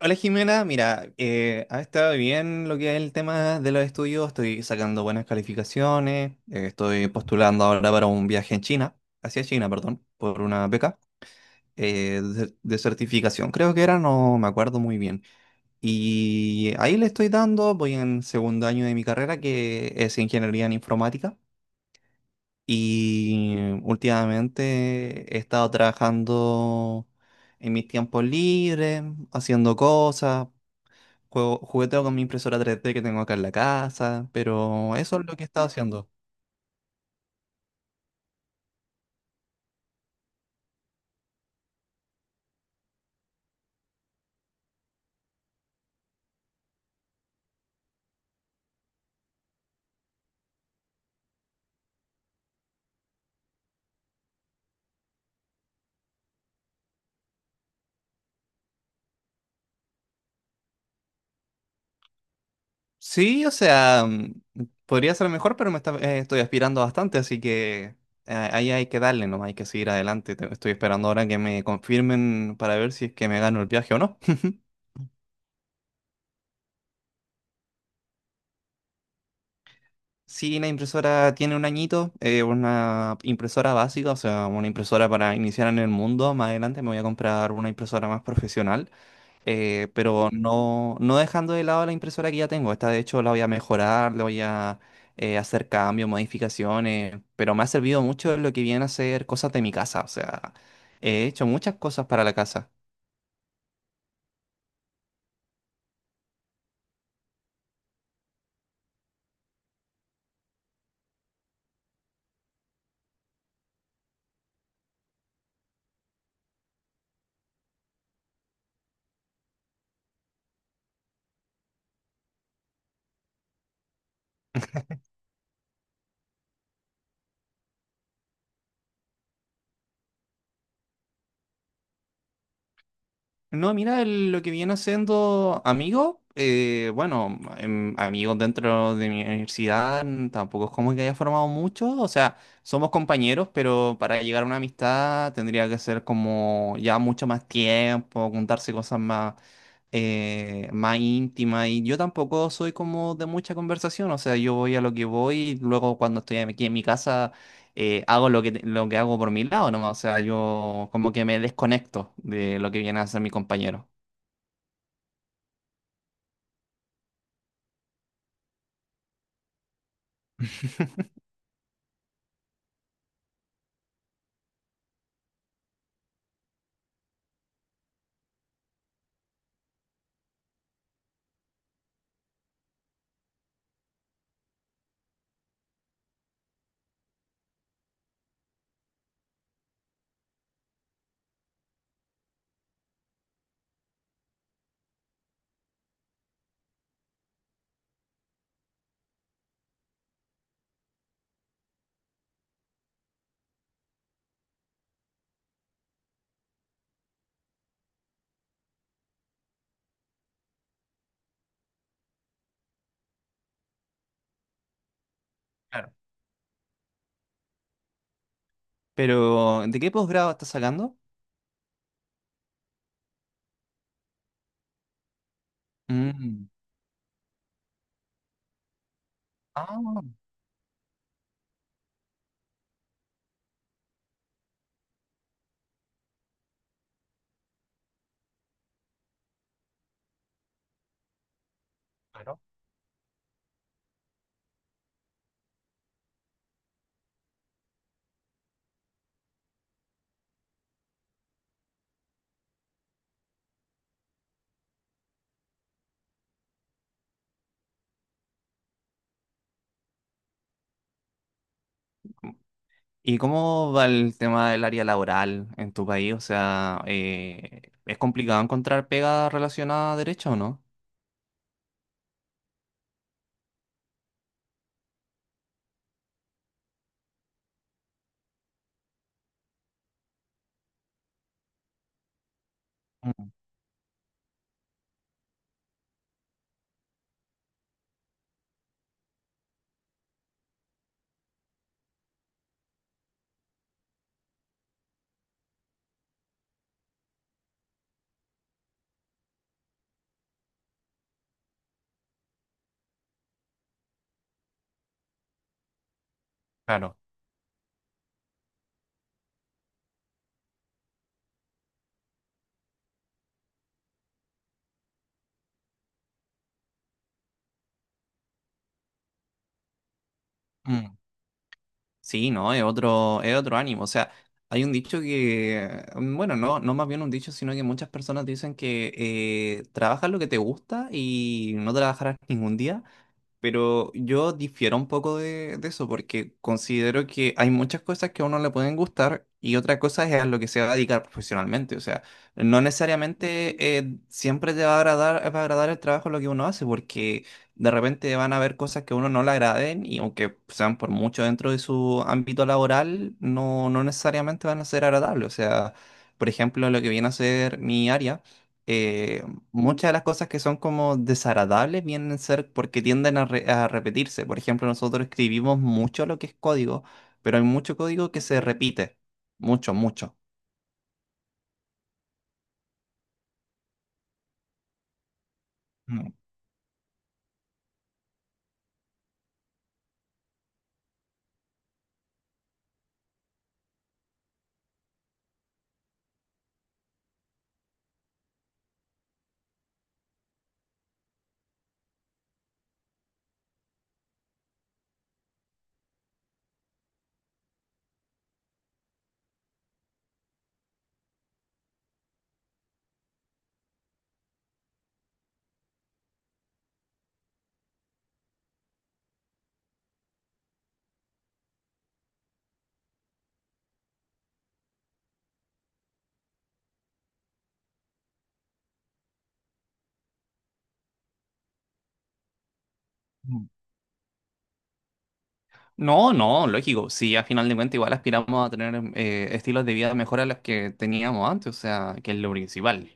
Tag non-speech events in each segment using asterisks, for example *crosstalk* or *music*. Hola Jimena, mira, ha estado bien lo que es el tema de los estudios, estoy sacando buenas calificaciones, estoy postulando ahora para un viaje en China, hacia China, perdón, por una beca de certificación, creo que era, no me acuerdo muy bien. Y ahí le estoy dando, voy en segundo año de mi carrera que es ingeniería en informática y últimamente he estado trabajando en mis tiempos libres, haciendo cosas. Juego, jugueteo con mi impresora 3D que tengo acá en la casa, pero eso es lo que he estado haciendo. Sí, o sea, podría ser mejor, pero estoy aspirando bastante, así que ahí hay que darle, nomás hay que seguir adelante. Estoy esperando ahora que me confirmen para ver si es que me gano el viaje o no. *laughs* Sí, la impresora tiene un añito, una impresora básica, o sea, una impresora para iniciar en el mundo. Más adelante me voy a comprar una impresora más profesional. Pero no, no dejando de lado la impresora que ya tengo. Esta de hecho la voy a mejorar, le voy a hacer cambios, modificaciones, pero me ha servido mucho lo que viene a ser cosas de mi casa. O sea, he hecho muchas cosas para la casa. No, mira, lo que viene haciendo amigos, bueno, amigos dentro de mi universidad, tampoco es como que haya formado muchos, o sea, somos compañeros, pero para llegar a una amistad tendría que ser como ya mucho más tiempo, contarse cosas más, más íntimas, y yo tampoco soy como de mucha conversación, o sea, yo voy a lo que voy, y luego cuando estoy aquí en mi casa hago lo que hago por mi lado, ¿no? O sea, yo como que me desconecto de lo que viene a hacer mi compañero. *laughs* Claro. Pero, ¿de qué posgrado estás sacando? Mm. Ah, claro. ¿Y cómo va el tema del área laboral en tu país? O sea, ¿es complicado encontrar pega relacionada a derecho o no? Mm, claro. Sí, no, es otro ánimo. O sea, hay un dicho que, bueno, no, no más bien un dicho, sino que muchas personas dicen que trabajas lo que te gusta y no trabajarás ningún día. Pero yo difiero un poco de eso porque considero que hay muchas cosas que a uno le pueden gustar y otra cosa es a lo que se va a dedicar profesionalmente. O sea, no necesariamente siempre te va a agradar el trabajo lo que uno hace porque de repente van a haber cosas que a uno no le agraden y aunque sean por mucho dentro de su ámbito laboral, no, no necesariamente van a ser agradables. O sea, por ejemplo, lo que viene a ser mi área. eh, Muchas de las cosas que son como desagradables vienen a ser porque tienden a repetirse. Por ejemplo, nosotros escribimos mucho lo que es código, pero hay mucho código que se repite. Mucho, mucho. Mm, mm. No, no, lógico. Si a final de cuentas igual aspiramos a tener estilos de vida mejor a los que teníamos antes, o sea, que es lo principal.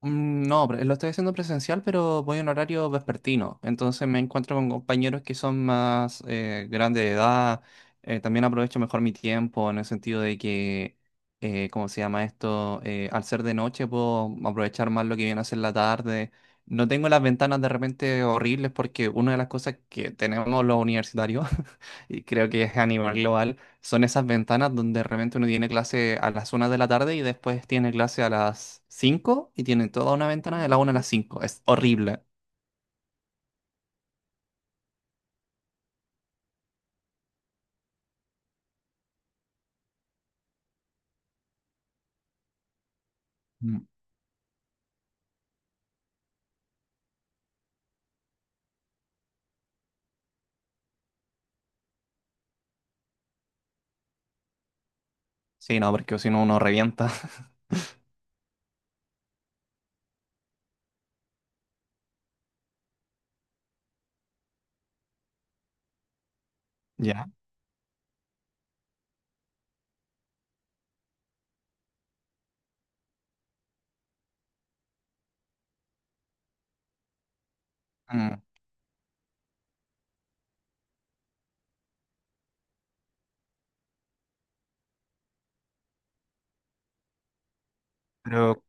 Mm, no, lo estoy haciendo presencial, pero voy en horario vespertino. Entonces me encuentro con compañeros que son más grandes de edad. También aprovecho mejor mi tiempo en el sentido de que, ¿cómo se llama esto? Al ser de noche puedo aprovechar más lo que viene a ser la tarde. No tengo las ventanas de repente horribles porque una de las cosas que tenemos los universitarios, *laughs* y creo que es a nivel global, son esas ventanas donde de repente uno tiene clase a las una de la tarde y después tiene clase a las cinco y tiene toda una ventana de la una a las cinco. Es horrible. Mm. Sí, no, porque si no uno revienta. *laughs* Ya. Mm. Pero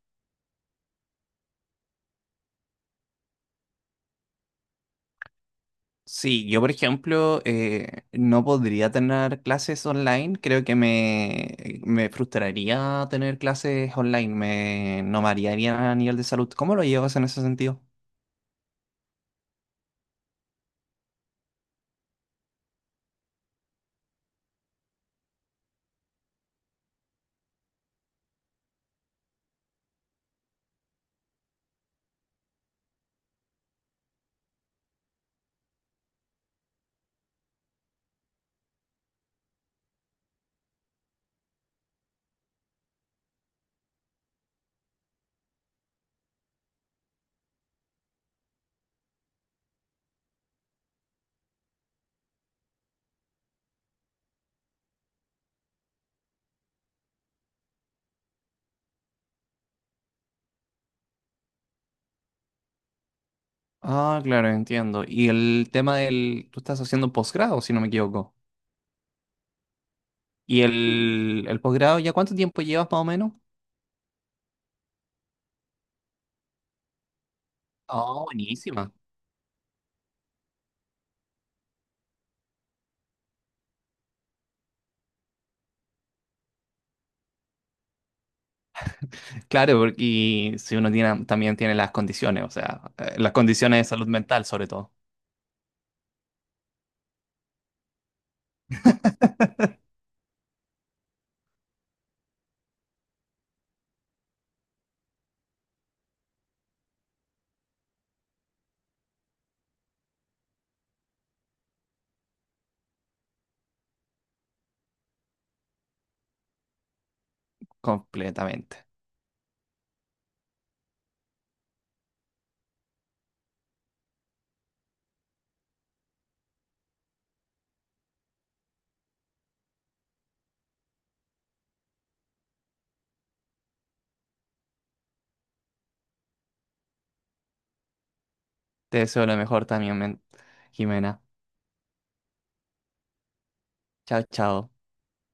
sí, yo por ejemplo no podría tener clases online. Creo que me frustraría tener clases online. No me haría bien a nivel de salud. ¿Cómo lo llevas en ese sentido? Ah, claro, entiendo. Y el tema del... Tú estás haciendo un posgrado, si no me equivoco. ¿Y el posgrado ya cuánto tiempo llevas más o menos? Oh, buenísima. Claro, porque y si uno tiene, también tiene las condiciones, o sea, las condiciones de salud mental sobre todo, completamente. Te deseo lo mejor también, Jimena. Chao, chao.